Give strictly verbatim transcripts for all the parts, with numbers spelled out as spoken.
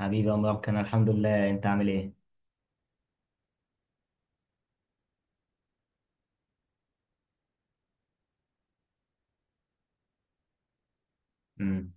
حبيبي يا مبارك، انا الحمد لله، انت عامل ايه؟ امم.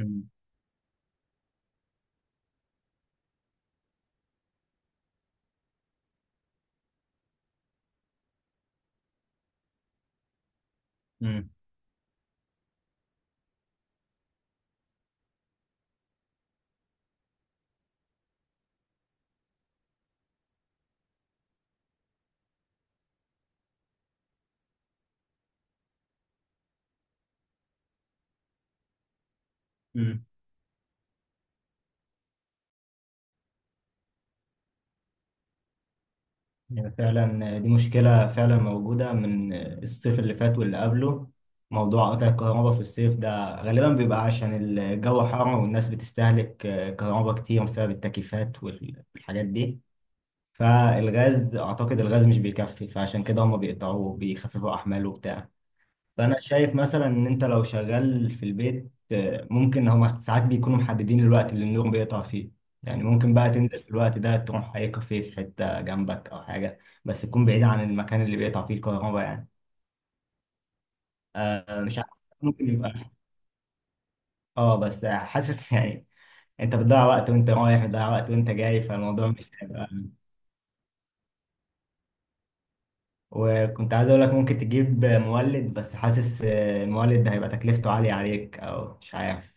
امم. امم. أمم. يعني فعلا دي مشكله فعلا موجوده من الصيف اللي فات واللي قبله. موضوع قطع الكهرباء في الصيف ده غالبا بيبقى عشان الجو حر والناس بتستهلك كهرباء كتير بسبب التكييفات وال- والحاجات دي. فالغاز اعتقد الغاز مش بيكفي، فعشان كده هم بيقطعوه، بيخففوا احماله وبتاع. فانا شايف مثلا ان انت لو شغال في البيت، آه، ممكن هما ساعات بيكونوا محددين الوقت اللي النور بيقطع فيه. يعني ممكن بقى تنزل في الوقت ده، تروح اي كافيه في حته جنبك او حاجه، بس تكون بعيد عن المكان اللي بيقطع فيه الكهرباء يعني. آه مش عارف. ممكن يبقى. اه بس حاسس يعني انت بتضيع وقت وانت رايح، بتضيع وقت وانت جاي، فالموضوع مش هيبقى. وكنت عايز اقول لك ممكن تجيب مولد، بس حاسس آه، المولد ده هيبقى تكلفته عاليه عليك، او مش عارف.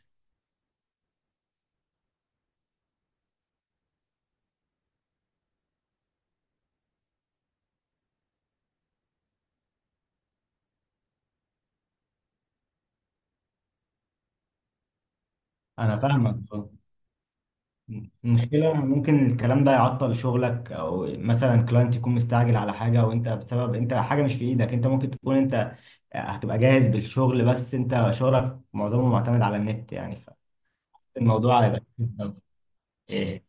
انا فاهمك. مشكلة ممكن الكلام ده يعطل شغلك، او مثلا كلاينت يكون مستعجل على حاجة وانت بسبب انت حاجة مش في ايدك، انت ممكن تكون انت هتبقى جاهز بالشغل، بس انت شغلك معظمه معتمد على النت يعني. فالموضوع هيبقى. إيه؟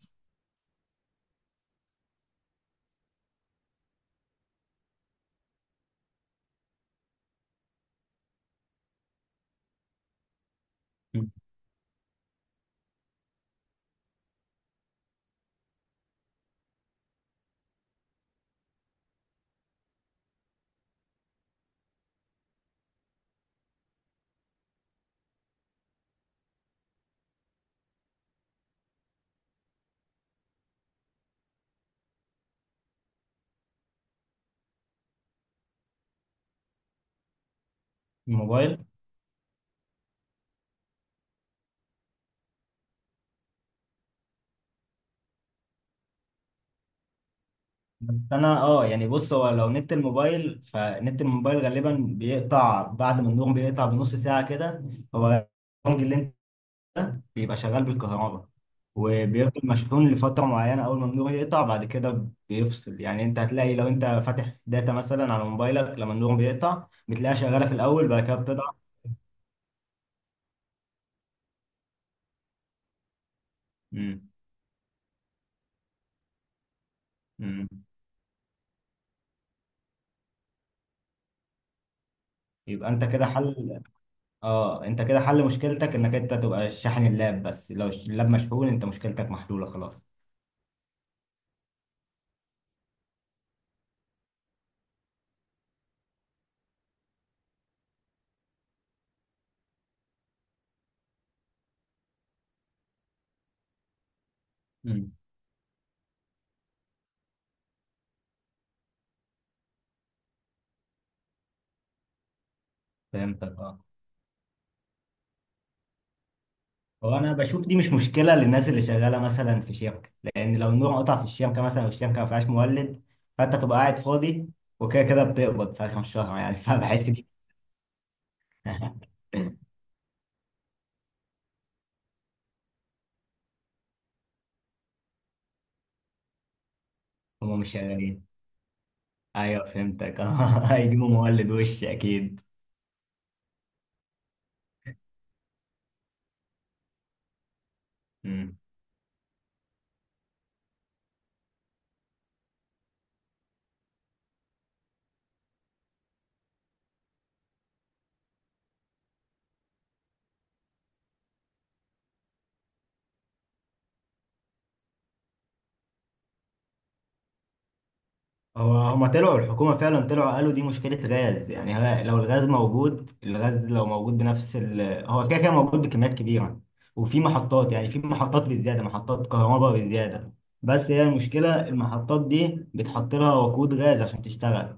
الموبايل. بس انا اه يعني بص، هو لو نت الموبايل، فنت الموبايل غالبا بيقطع بعد ما النوم بيقطع بنص ساعة كده. هو البنج اللي بيبقى شغال بالكهرباء وبيفضل مشحون لفترة معينة، أول ما النور يقطع بعد كده بيفصل، يعني أنت هتلاقي لو أنت فاتح داتا مثلا على موبايلك لما النور بيقطع، بتلاقيها شغالة في الأول، بعد كده بتضعف. مم. مم. يبقى أنت كده حل. أه، أنت كده حل مشكلتك إنك أنت تبقى شاحن اللاب، بس لو اللاب مشحون أنت مشكلتك محلولة خلاص. مم. فهمتك، أه. هو انا بشوف دي مش مشكله للناس اللي شغاله مثلا في شركه، لان لو النور قطع في الشركه مثلا والشركه ما فيهاش مولد، فانت تبقى قاعد فاضي، وكده كده بتقبض في اخر الشهر يعني فبحس دي هم مش شغالين. ايوه فهمتك هيجيبوا مولد وش اكيد. هو هما طلعوا الحكومة فعلا، طلعوا قالوا دي مشكلة غاز يعني، ها- لو الغاز موجود، الغاز لو موجود بنفس ال. هو كده كده موجود بكميات كبيرة، وفي محطات، يعني في محطات بالزيادة، محطات كهرباء بالزيادة. بس هي المشكلة المحطات دي بتحط لها وقود غاز عشان تشتغل.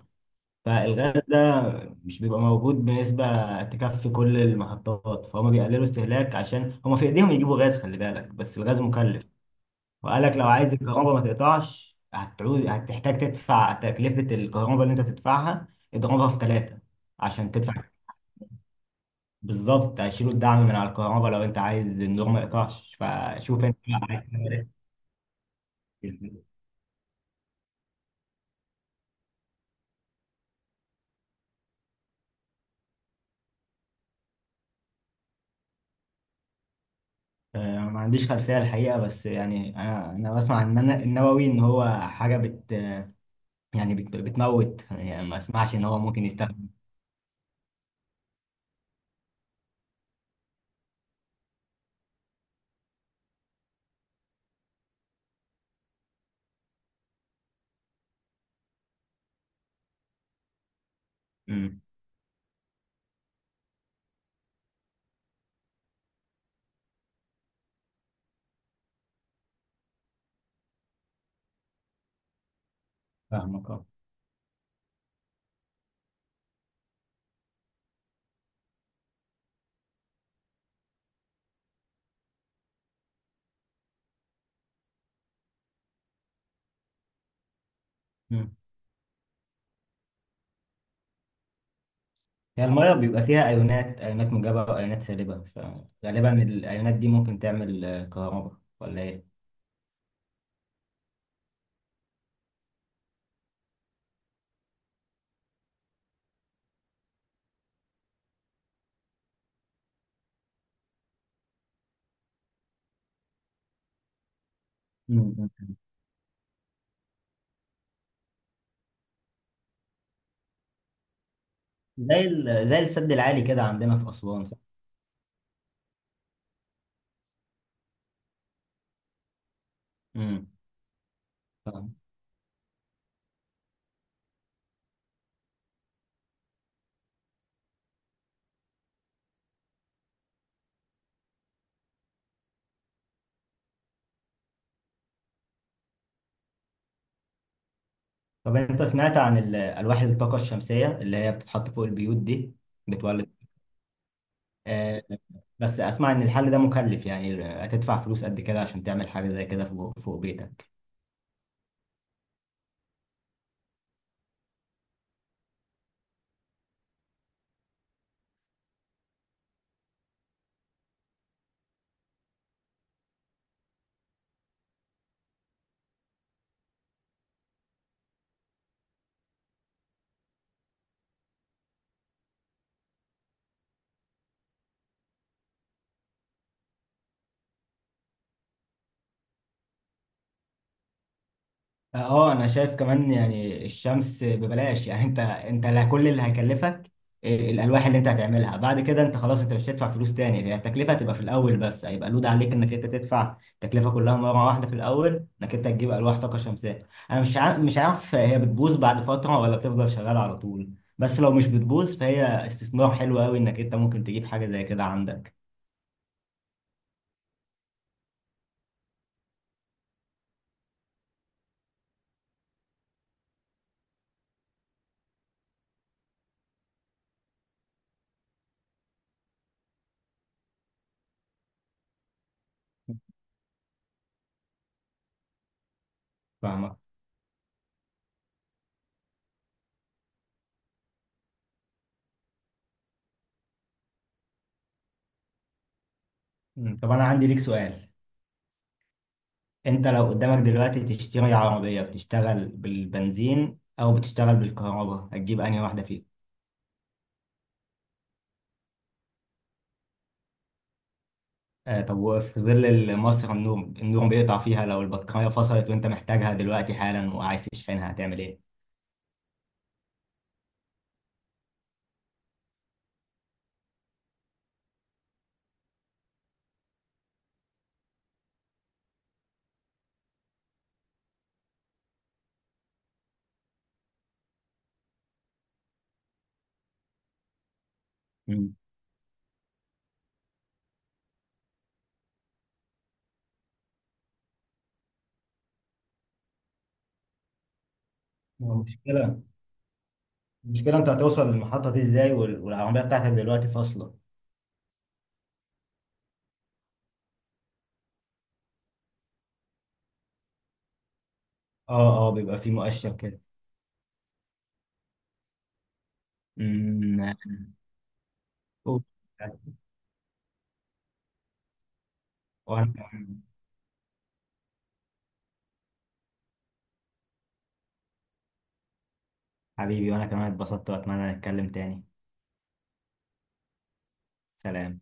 فالغاز ده مش بيبقى موجود بنسبة تكفي كل المحطات، فهم بيقللوا استهلاك عشان هما في ايديهم يجيبوا غاز، خلي بالك، بس الغاز مكلف. وقال لك لو عايز الكهرباء ما تقطعش هتعود، هتحتاج تدفع تكلفة الكهرباء اللي انت تدفعها اضربها في ثلاثة عشان تدفع. بالظبط، هيشيلوا الدعم من على الكهرباء، لو انت عايز النور ما يقطعش فشوف انت بقى عايز تعمل ايه. آه، ما عنديش خلفية الحقيقة، بس يعني انا انا بسمع ان انا النووي ان هو حاجة بت يعني بت بتموت، يعني ما اسمعش ان هو ممكن يستخدم. مم. فاهمك. اه هي المية بيبقى فيها أيونات، أيونات موجبة وأيونات سالبة، فغالبا الأيونات دي ممكن تعمل آه، كهرباء ولا إيه؟ مم. زي ال- زي السد العالي كده عندنا في أسوان، صح؟ امم. فاهم. طب أنت سمعت عن ال- ألواح الطاقة الشمسية اللي هي بتتحط فوق البيوت دي بتولد. آه بس أسمع إن الحل ده مكلف، يعني هتدفع فلوس قد كده عشان تعمل حاجة زي كده فوق فوق بيتك. اه انا شايف كمان يعني الشمس ببلاش، يعني انت انت لا، كل اللي هيكلفك إيه، الالواح اللي انت هتعملها، بعد كده انت خلاص انت مش هتدفع فلوس تاني، هي التكلفه هتبقى في الاول، بس هيبقى لود عليك انك انت تدفع التكلفه كلها مره واحده في الاول، انك انت تجيب الواح طاقه شمسيه. انا مش عارف، مش عارف هي بتبوظ بعد فتره ولا بتفضل شغاله على طول، بس لو مش بتبوظ فهي استثمار حلو قوي، انك انت ممكن تجيب حاجه زي كده عندك. فاهمك. مم. طب انا عندي ليك سؤال. انت لو قدامك دلوقتي تشتري عربية بتشتغل بالبنزين او بتشتغل بالكهرباء، هتجيب انهي واحدة فيهم؟ آه طب وفي ظل مصر، النور النور بيقطع فيها، لو البطارية فصلت وانت محتاجها دلوقتي حالا وعايز تشحنها، هتعمل ايه؟ مم. هو المشكلة المشكلة انت هتوصل للمحطة دي ازاي وال- والعربية بتاعتك دلوقتي فاصلة؟ اه، اه، بيبقى في مؤشر كده. مم. أوه. وانا كمان- حبيبي وانا كمان اتبسطت، واتمنى نتكلم تاني. سلام.